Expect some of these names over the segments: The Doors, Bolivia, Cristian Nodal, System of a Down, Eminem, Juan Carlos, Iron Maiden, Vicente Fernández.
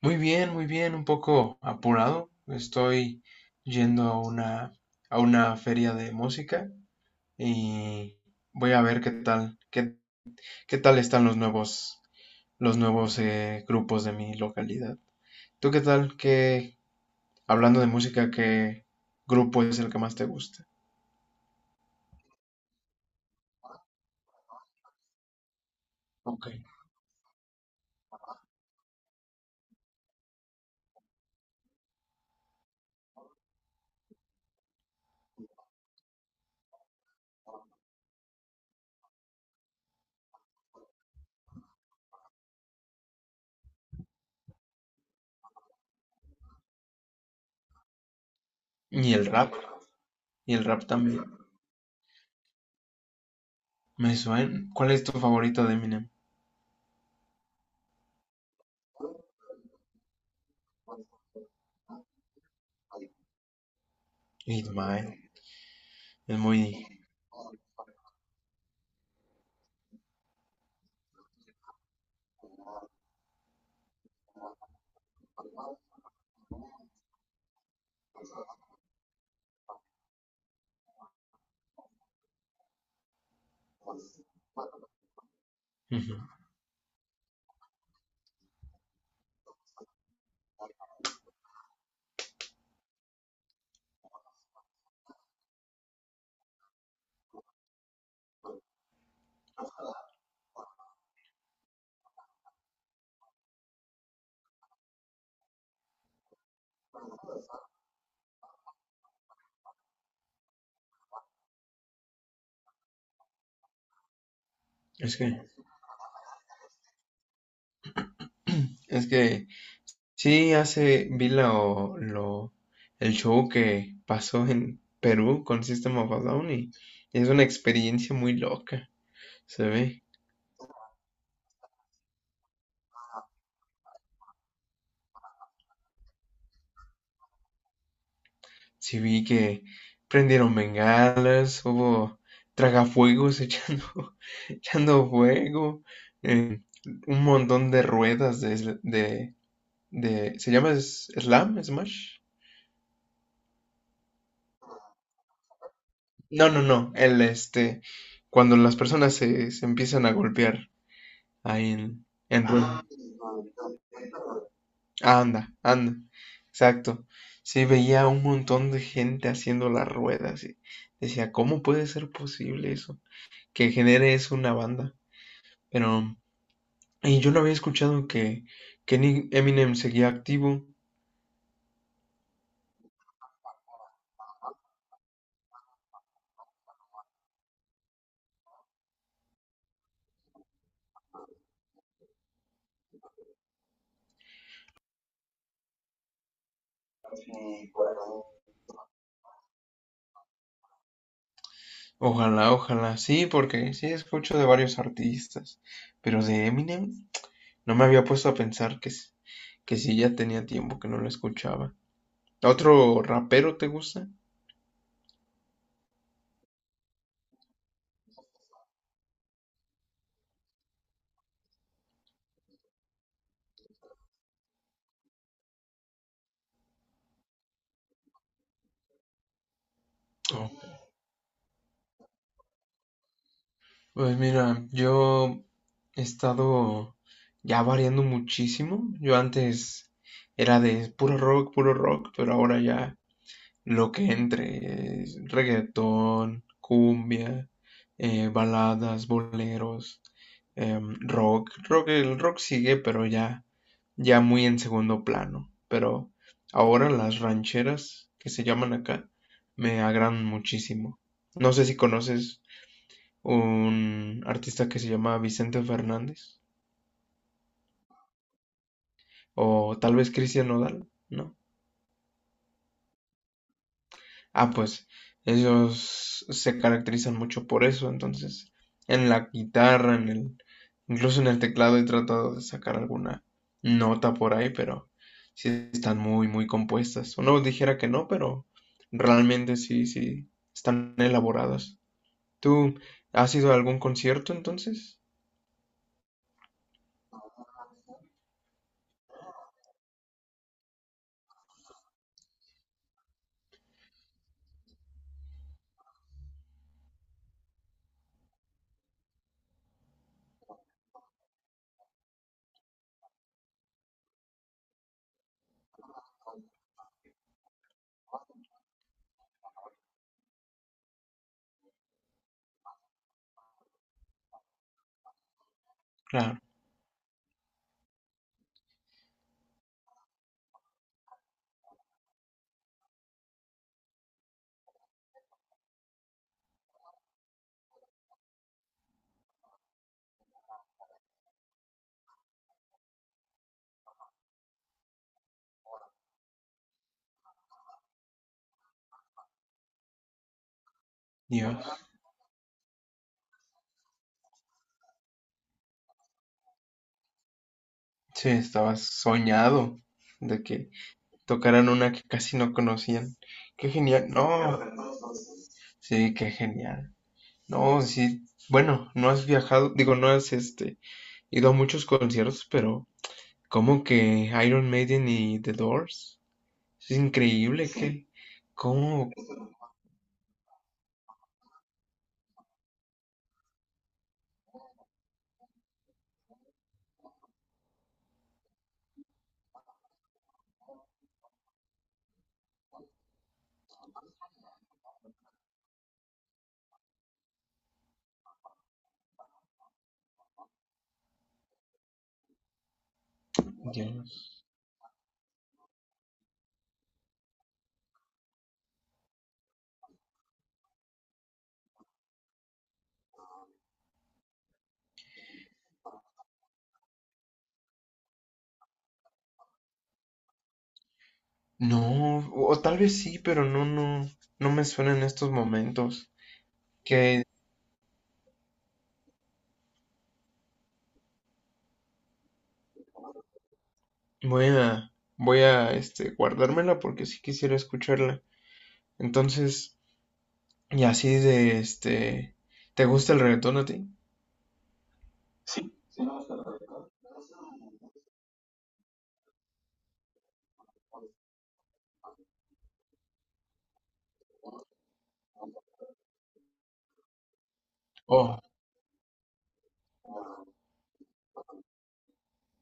Muy bien, un poco apurado. Estoy yendo a una feria de música y voy a ver qué tal, qué tal están los nuevos grupos de mi localidad. ¿Tú qué tal? ¿Qué, hablando de música, qué grupo es el que más te gusta? Ok. Y el rap, y el rap también. Me suena. ¿Cuál es tu favorito de Eminem? It's Mine. Es muy. Ujú. Es que, es que sí, el show que pasó en Perú con System of a Down y es una experiencia muy loca, se ve. Sí vi que prendieron bengalas, hubo tragafuegos echando, echando fuego, eh, un montón de ruedas de ¿se llama slam, smash? No, no, no, el este, cuando las personas se empiezan a golpear ahí en ruedas. Anda, anda, exacto. Sí, veía un montón de gente haciendo las ruedas y decía, ¿cómo puede ser posible eso? Que genere eso una banda. Pero, y yo no había escuchado que Eminem seguía activo. Ojalá, ojalá, sí, porque sí escucho de varios artistas, pero de Eminem no me había puesto a pensar que sí ya tenía tiempo que no lo escuchaba. ¿Otro rapero te gusta? Pues mira, yo he estado ya variando muchísimo. Yo antes era de puro rock, pero ahora ya lo que entre es reggaetón, cumbia, baladas, boleros, rock. Rock, el rock sigue, pero ya muy en segundo plano. Pero ahora las rancheras que se llaman acá me agradan muchísimo. No sé si conoces un artista que se llama Vicente Fernández o tal vez Cristian Nodal, ¿no? Ah, pues ellos se caracterizan mucho por eso, entonces en la guitarra, incluso en el teclado he tratado de sacar alguna nota por ahí, pero sí están muy, muy compuestas. Uno dijera que no, pero realmente sí, sí, están elaboradas. ¿Tú has ido a algún concierto entonces? Claro. Dios. Sí, estabas soñado de que tocaran una que casi no conocían. ¡Qué genial! No, sí, qué genial. No, sí, bueno, no has viajado, digo, no has este, ido a muchos conciertos, pero ¿como que Iron Maiden y The Doors? Es increíble que, ¿cómo? Dios. No, o tal vez sí, pero no me suena en estos momentos. Que guardármela porque sí quisiera escucharla. Entonces, y así de este. ¿Te gusta el reggaetón a ti? Oh,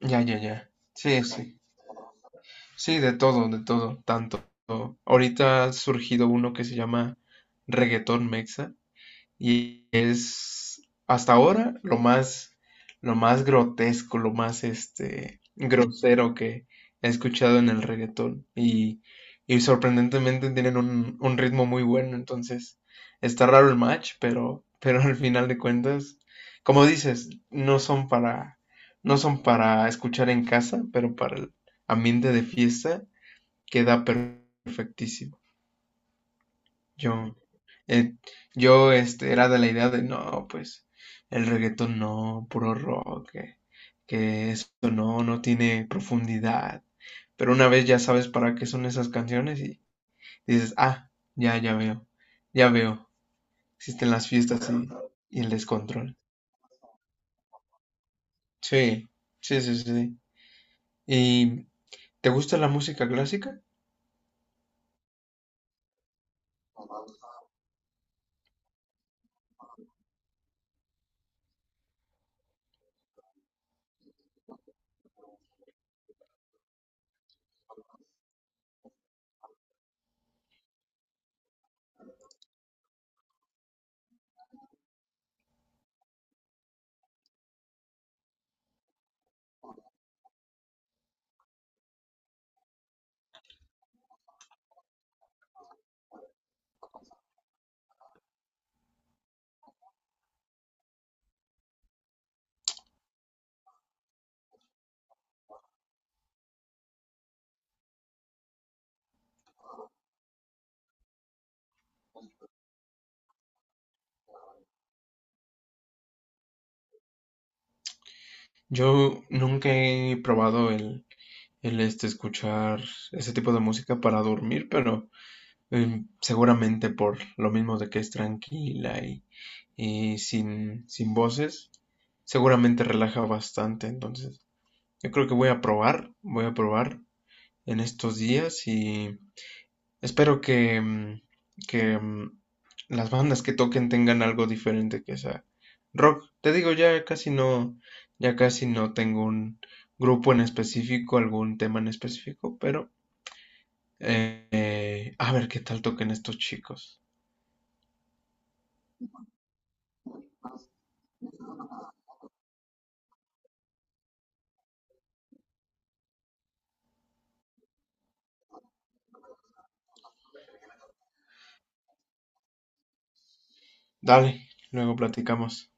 ya, ya, ya. Sí, sí. Sí, de todo, de todo. Tanto. Ahorita ha surgido uno que se llama reggaetón mexa. Y es hasta ahora lo más grotesco, lo más este, grosero que he escuchado en el reggaetón. Y sorprendentemente tienen un ritmo muy bueno, entonces está raro el match, pero, pero al final de cuentas, como dices, no son para escuchar en casa, pero para el ambiente de fiesta queda perfectísimo. Yo, eh, yo este, era de la idea de, no, pues el reggaetón no, puro rock, que esto no, no tiene profundidad. Pero una vez ya sabes para qué son esas canciones y dices, ah, ya, ya veo, ya veo, existen las fiestas y el descontrol. Sí, sí, sí, sí. ¿Y te gusta la música clásica? Yo nunca he probado escuchar ese tipo de música para dormir, pero... seguramente por lo mismo de que es tranquila y sin voces, seguramente relaja bastante. Entonces, yo creo que voy a probar en estos días y espero que mm, las bandas que toquen tengan algo diferente que sea rock. Te digo, ya casi no tengo un grupo en específico, algún tema en específico, pero eh, a ver qué tal toquen estos chicos. Dale, luego platicamos.